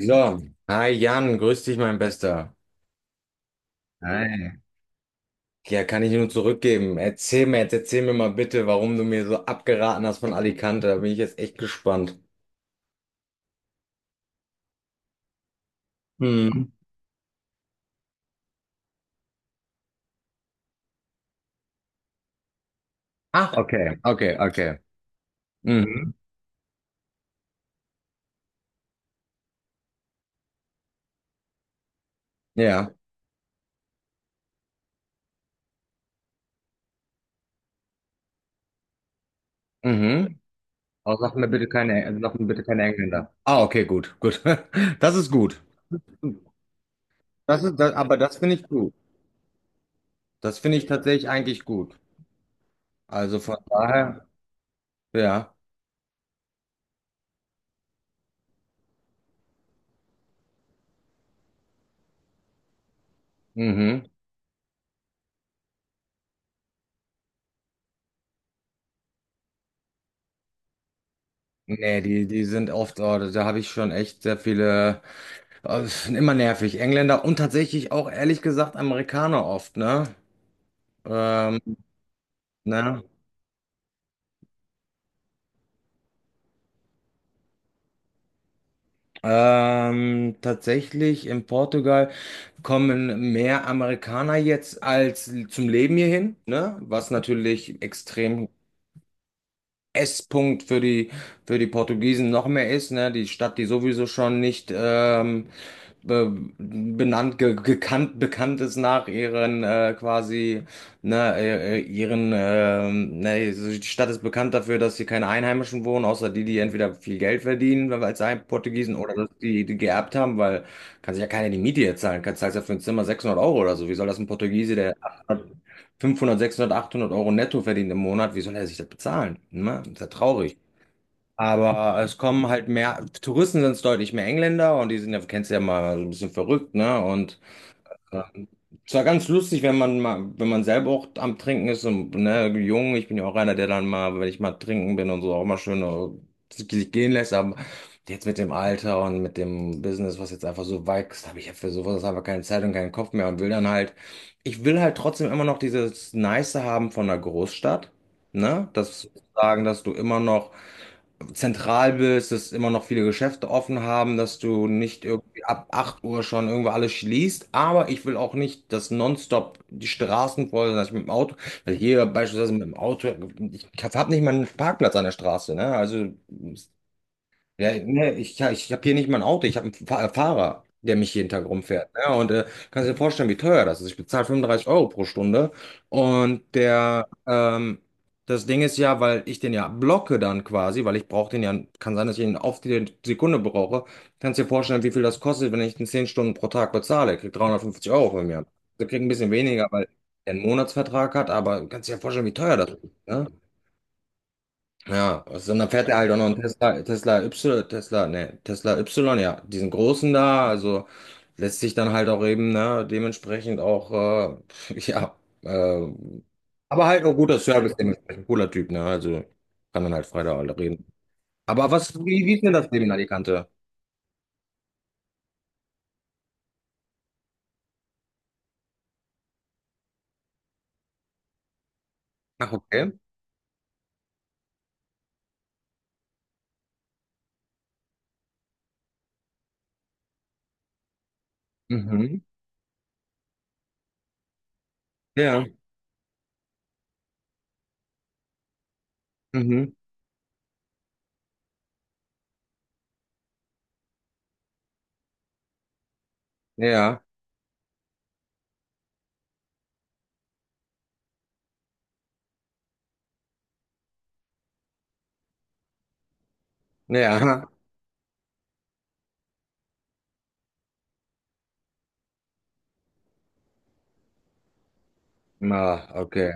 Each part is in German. So, hi Jan, grüß dich, mein Bester. Hi. Ja, kann ich nur zurückgeben. Erzähl mir jetzt, erzähl mir mal bitte, warum du mir so abgeraten hast von Alicante. Da bin ich jetzt echt gespannt. Hm. Ach, okay, okay, okay. Mhm. Ja. Mhm. Aber sag mir bitte keine, also sag mir bitte keine Engländer. Ah, okay, gut, gut. Das ist gut. Aber das finde ich gut. Das finde ich tatsächlich eigentlich gut. Also von daher, ja. Mhm. Nee, die sind oft, oh, da habe ich schon echt sehr viele, oh, das sind immer nervig. Engländer und tatsächlich auch ehrlich gesagt Amerikaner oft, ne? Ähm, ne? Tatsächlich in Portugal kommen mehr Amerikaner jetzt als zum Leben hierhin, ne? Was natürlich extrem Esspunkt für die Portugiesen noch mehr ist, ne? Die Stadt, die sowieso schon nicht be benannt, ge gekannt, bekannt ist nach ihren quasi, ne, ihren, ne, so die Stadt ist bekannt dafür, dass hier keine Einheimischen wohnen, außer die, die entweder viel Geld verdienen, weil als ein Portugiesen oder dass die, die geerbt haben, weil kann sich ja keiner die Miete jetzt zahlen, kann zahlst ja für ein Zimmer 600 € oder so. Wie soll das ein Portugiese, der 500, 600, 800 € netto verdient im Monat, wie soll er sich das bezahlen? Ne? Das ist ja traurig. Aber es kommen halt mehr, Touristen sind es deutlich mehr Engländer und die sind ja, kennst du ja mal, so ein bisschen verrückt, ne? Und äh, es war ganz lustig, wenn man mal, wenn man selber auch am Trinken ist und ne, jung, ich bin ja auch einer, der dann mal, wenn ich mal trinken bin und so, auch mal schön sich gehen lässt, aber jetzt mit dem Alter und mit dem Business, was jetzt einfach so wächst, habe ich ja für sowas einfach keine Zeit und keinen Kopf mehr und will dann halt, ich will halt trotzdem immer noch dieses Nice haben von der Großstadt, ne? Das sozusagen, dass du immer noch zentral bist, dass immer noch viele Geschäfte offen haben, dass du nicht irgendwie ab 8 Uhr schon irgendwo alles schließt. Aber ich will auch nicht, dass nonstop die Straßen voll sind, dass ich mit dem Auto, weil hier beispielsweise mit dem Auto, ich habe nicht mal einen Parkplatz an der Straße, ne? Also ja, nee, ich, ja, ich habe hier nicht mal ein Auto, ich habe einen Fahrer, der mich jeden Tag rumfährt. Ja, und kannst dir vorstellen, wie teuer das ist. Ich bezahle 35 € pro Stunde. Und der, das Ding ist ja, weil ich den ja blocke dann quasi, weil ich brauche den ja, kann sein, dass ich ihn auf die Sekunde brauche. Kannst dir vorstellen, wie viel das kostet, wenn ich den 10 Stunden pro Tag bezahle. Er kriegt 350 € von mir. Der kriegt ein bisschen weniger, weil er einen Monatsvertrag hat, aber kannst dir ja vorstellen, wie teuer das ist. Ne? Ja, also dann fährt er halt auch noch einen Tesla, Tesla Y, Tesla, ne, Tesla Y, ja, diesen großen da, also lässt sich dann halt auch eben, ne, dementsprechend auch, ja, äh, aber halt auch guter Service dementsprechend, cooler Typ, ne, also kann dann halt frei da alle reden. Aber wie ist denn das Leben in Alicante? Ach, okay. Mhm. Ja, mhm. Ja, ja. Na, okay.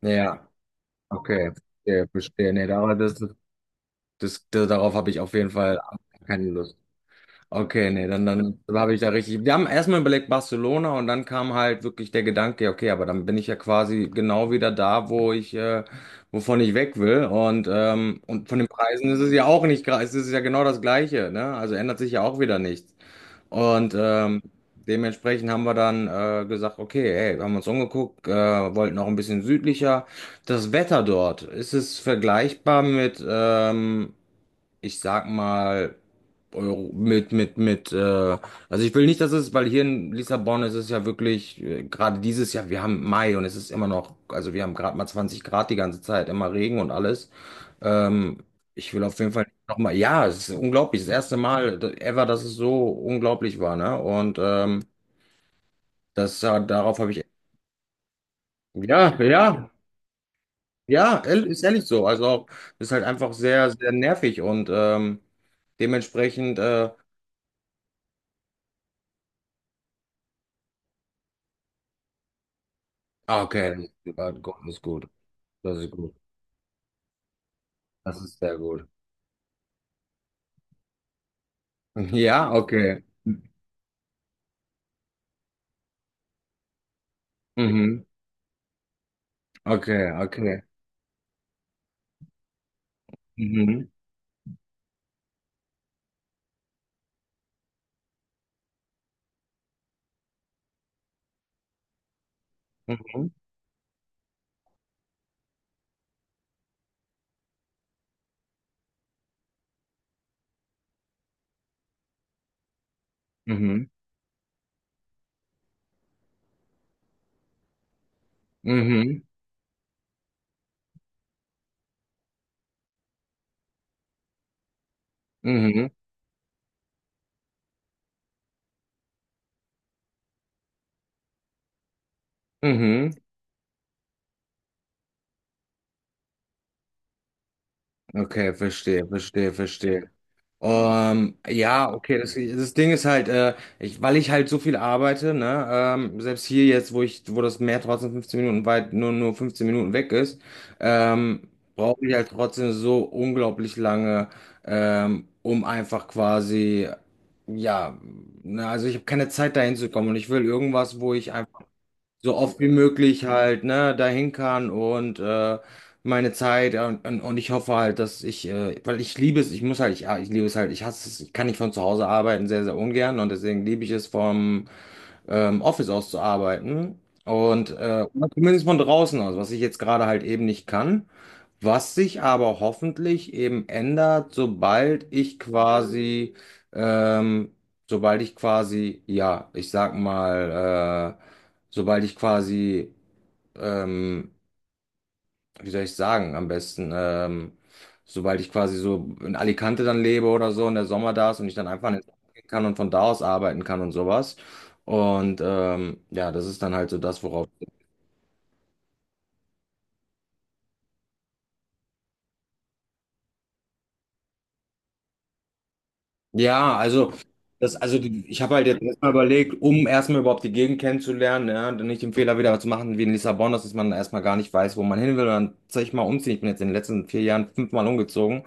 Ja, okay. Verstehe, verstehe. Nee, darauf, das, das, das, darauf habe ich auf jeden Fall keine Lust. Okay, nee, dann habe ich da richtig. Wir haben erstmal überlegt Barcelona und dann kam halt wirklich der Gedanke, ja, okay, aber dann bin ich ja quasi genau wieder da, wovon ich weg will. Und von den Preisen ist es ja auch nicht, es ist ja genau das Gleiche, ne? Also ändert sich ja auch wieder nichts. Und dementsprechend haben wir dann gesagt, okay, hey, wir haben uns umgeguckt, wollten auch ein bisschen südlicher. Das Wetter dort, ist es vergleichbar mit ich sag mal, Euro, also ich will nicht, dass es, weil hier in Lissabon ist es ja wirklich, gerade dieses Jahr, wir haben Mai und es ist immer noch, also wir haben gerade mal 20 Grad die ganze Zeit, immer Regen und alles. Ähm, Ich will auf jeden Fall nochmal, ja, es ist unglaublich, das erste Mal ever, dass es so unglaublich war, ne? Und das, darauf habe ich, ja, ja, ja, ist ehrlich so. Also auch, ist halt einfach sehr, sehr nervig und dementsprechend ah, okay, das ist gut, das ist gut. Das ist gut. Das ist sehr gut. Ja, okay. Mhm. Okay, okay. Mhm. Mhm. Mhm. Mhm. Mhm. Mhm. Mhm. Okay, verstehe, verstehe, verstehe. Ja, okay, das Ding ist halt, ich, weil ich halt so viel arbeite, ne, selbst hier jetzt, wo das Meer trotzdem 15 Minuten weit, nur 15 Minuten weg ist, ähm, brauche ich halt trotzdem so unglaublich lange, um einfach quasi, ja, ne, also ich habe keine Zeit dahin zu kommen und ich will irgendwas, wo ich so oft wie möglich halt, ne, dahin kann und meine Zeit und ich hoffe halt, dass ich, weil ich liebe es, ich muss halt, ich, ja, ich liebe es halt, ich hasse es, ich kann nicht von zu Hause arbeiten, sehr, sehr ungern und deswegen liebe ich es vom Office auszuarbeiten. Und oder zumindest von draußen aus, was ich jetzt gerade halt eben nicht kann, was sich aber hoffentlich eben ändert, ähm, sobald ich quasi, ja, ich sag mal, sobald ich quasi ähm, wie soll ich sagen, am besten, sobald ich quasi so in Alicante dann lebe oder so und der Sommer da ist und ich dann einfach in den Sommer gehen kann und von da aus arbeiten kann und sowas. Und ja, das ist dann halt so das, worauf. Ja, also. Das, also die, ich habe halt jetzt erstmal überlegt, um erstmal überhaupt die Gegend kennenzulernen, ja, dann nicht den Fehler wieder zu machen wie in Lissabon, dass man erstmal gar nicht weiß, wo man hin will und dann zeig ich mal umziehen. Ich bin jetzt in den letzten 4 Jahren fünfmal umgezogen.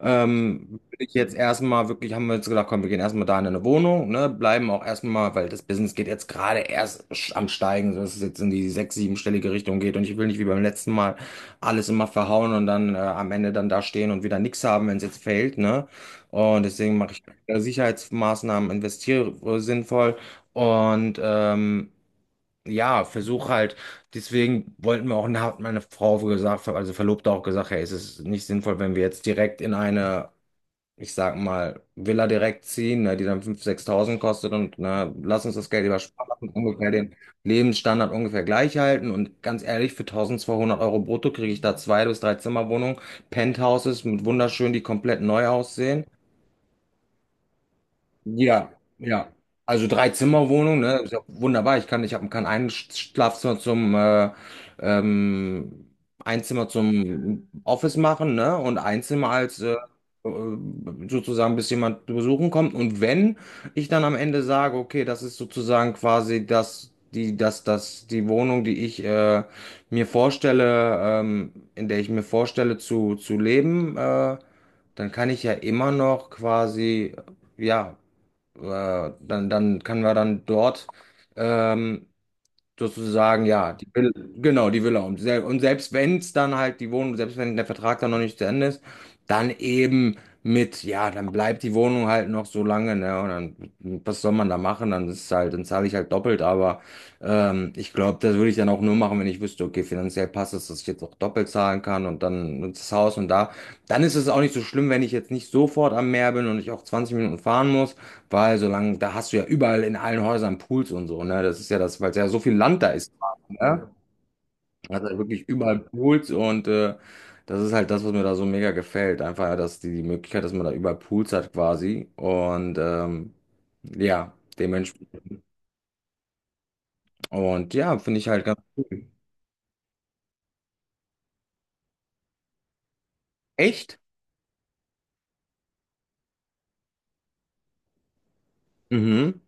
Würde ich jetzt erstmal wirklich, haben wir jetzt gedacht, komm, wir gehen erstmal da in eine Wohnung, ne, bleiben auch erstmal, weil das Business geht jetzt gerade erst am Steigen, so dass es jetzt in die sechs-, siebenstellige Richtung geht und ich will nicht wie beim letzten Mal alles immer verhauen und dann am Ende dann da stehen und wieder nichts haben, wenn es jetzt fällt, ne. Und deswegen mache ich Sicherheitsmaßnahmen, investiere sinnvoll und ja, versuche halt, deswegen wollten wir auch, hat meine Frau gesagt, also Verlobte auch gesagt, hey, es ist nicht sinnvoll, wenn wir jetzt direkt in eine ich sag mal, Villa direkt ziehen, ne, die dann 5.000, 6.000 kostet und ne, lass uns das Geld lieber sparen lassen, ungefähr den Lebensstandard ungefähr gleich halten. Und ganz ehrlich, für 1.200 € brutto kriege ich da zwei bis drei Zimmerwohnungen, Penthouses mit wunderschön, die komplett neu aussehen. Ja, ja. Also Drei-Zimmer-Wohnung, ne? Ist ja wunderbar. Ich kann, ich habe kann ein Schlafzimmer zum ähm, ein Zimmer zum Office machen, ne? Und ein Zimmer als äh, sozusagen, bis jemand besuchen kommt. Und wenn ich dann am Ende sage, okay, das ist sozusagen quasi das, die, das, das, die Wohnung, die ich mir vorstelle, in der ich mir vorstelle zu leben, dann kann ich ja immer noch quasi ja, dann können wir dann dort ähm, sozusagen, ja, die Villa, genau, die Villa. Und, sel und selbst wenn es dann halt die Wohnung, selbst wenn der Vertrag dann noch nicht zu Ende ist, dann eben mit, ja, dann bleibt die Wohnung halt noch so lange, ne? Und dann, was soll man da machen? Dann ist es halt, dann zahle ich halt doppelt, aber ich glaube, das würde ich dann auch nur machen, wenn ich wüsste, okay, finanziell passt es, dass ich jetzt auch doppelt zahlen kann und dann das Haus und da. Dann ist es auch nicht so schlimm, wenn ich jetzt nicht sofort am Meer bin und ich auch 20 Minuten fahren muss. Weil solange, da hast du ja überall in allen Häusern Pools und so, ne? Das ist ja das, weil es ja so viel Land da ist, ne? Also halt wirklich überall Pools und das ist halt das, was mir da so mega gefällt. Einfach, ja, dass die, die Möglichkeit, dass man da überall Pools hat quasi. Und ja, dementsprechend. Und ja, finde ich halt ganz echt. Mhm.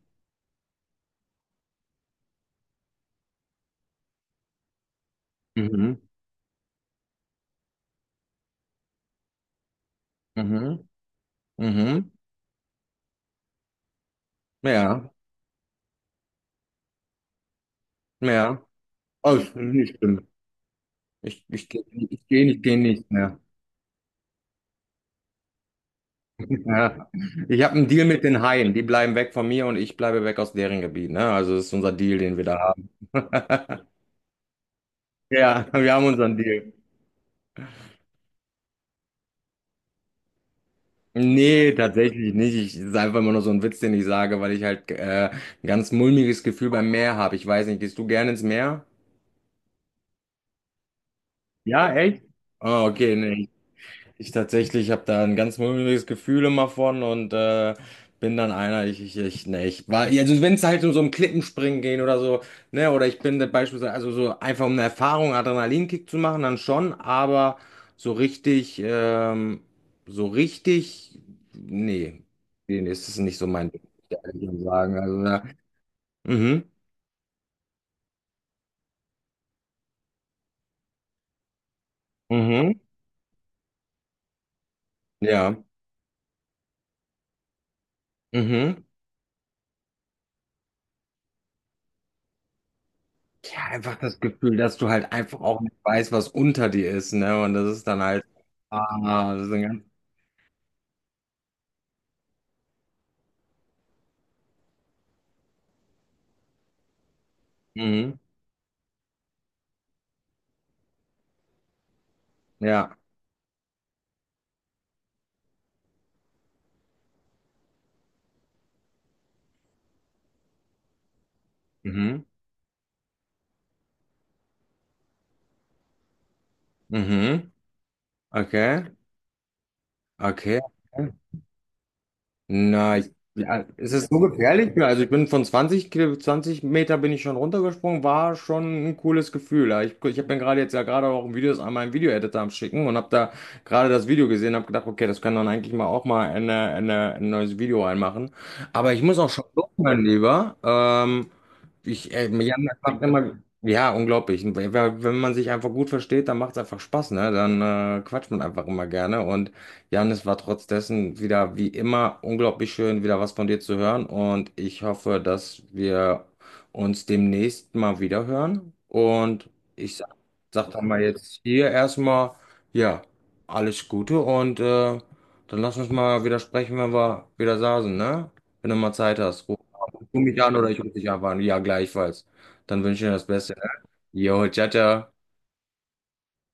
Mhm. Mhm. Mhm. Ja, ja. Oh, ist nicht schlimm. Ich, ich, geh Ich gehe nicht, geh nicht. Ja. Ich habe einen Deal mit den Haien. Die bleiben weg von mir und ich bleibe weg aus deren Gebiet. Ne? Also das ist unser Deal, den wir da haben. Ja, wir haben unseren Deal. Nee, tatsächlich nicht. Ich, das ist einfach immer nur so ein Witz, den ich sage, weil ich halt ein ganz mulmiges Gefühl beim Meer habe. Ich weiß nicht, gehst du gerne ins Meer? Ja, echt? Oh, okay, nee. Ich tatsächlich habe da ein ganz mulmiges Gefühl immer von und bin dann einer, ich, ne, ich war, also wenn es halt um so ein Klippenspringen gehen oder so, ne, oder ich bin da beispielsweise, also so einfach um eine Erfahrung, Adrenalinkick zu machen, dann schon, aber so richtig, ähm, so richtig, nee, nee, ist es nicht so mein Ding, muss ich ehrlich sagen. Also, da, mhm, mhm, ja, mhm. Ja, einfach das Gefühl, dass du halt einfach auch nicht weißt, was unter dir ist, ne? Und das ist dann halt, ah, das ist ein ganz, mhm, ja, mhm, mhm, okay, okay, okay. Na, ich, ja, es ist so gefährlich. Ja, also ich bin von 20 Meter bin ich schon runtergesprungen, war schon ein cooles Gefühl. Ja, ich habe mir gerade jetzt ja gerade auch ein Video, an einmal Video-Editor am Schicken und habe da gerade das Video gesehen, habe gedacht, okay, das kann dann eigentlich mal auch mal ein neues Video reinmachen. Aber ich muss auch schon los, mein Lieber. Ich, ja, das macht immer, ja, unglaublich. Wenn man sich einfach gut versteht, dann macht es einfach Spaß, ne? Dann quatscht man einfach immer gerne und Janis, war trotz dessen wieder wie immer unglaublich schön, wieder was von dir zu hören und ich hoffe, dass wir uns demnächst mal wieder hören und ich sag dann mal jetzt hier erstmal, ja, alles Gute und dann lass uns mal wieder sprechen, wenn wir wieder saßen, ne? Wenn du mal Zeit hast, ruf mich an oder ich rufe dich einfach an. Ja, gleichfalls. Dann wünsche ich dir das Beste, ne? Jo, ciao, ciao.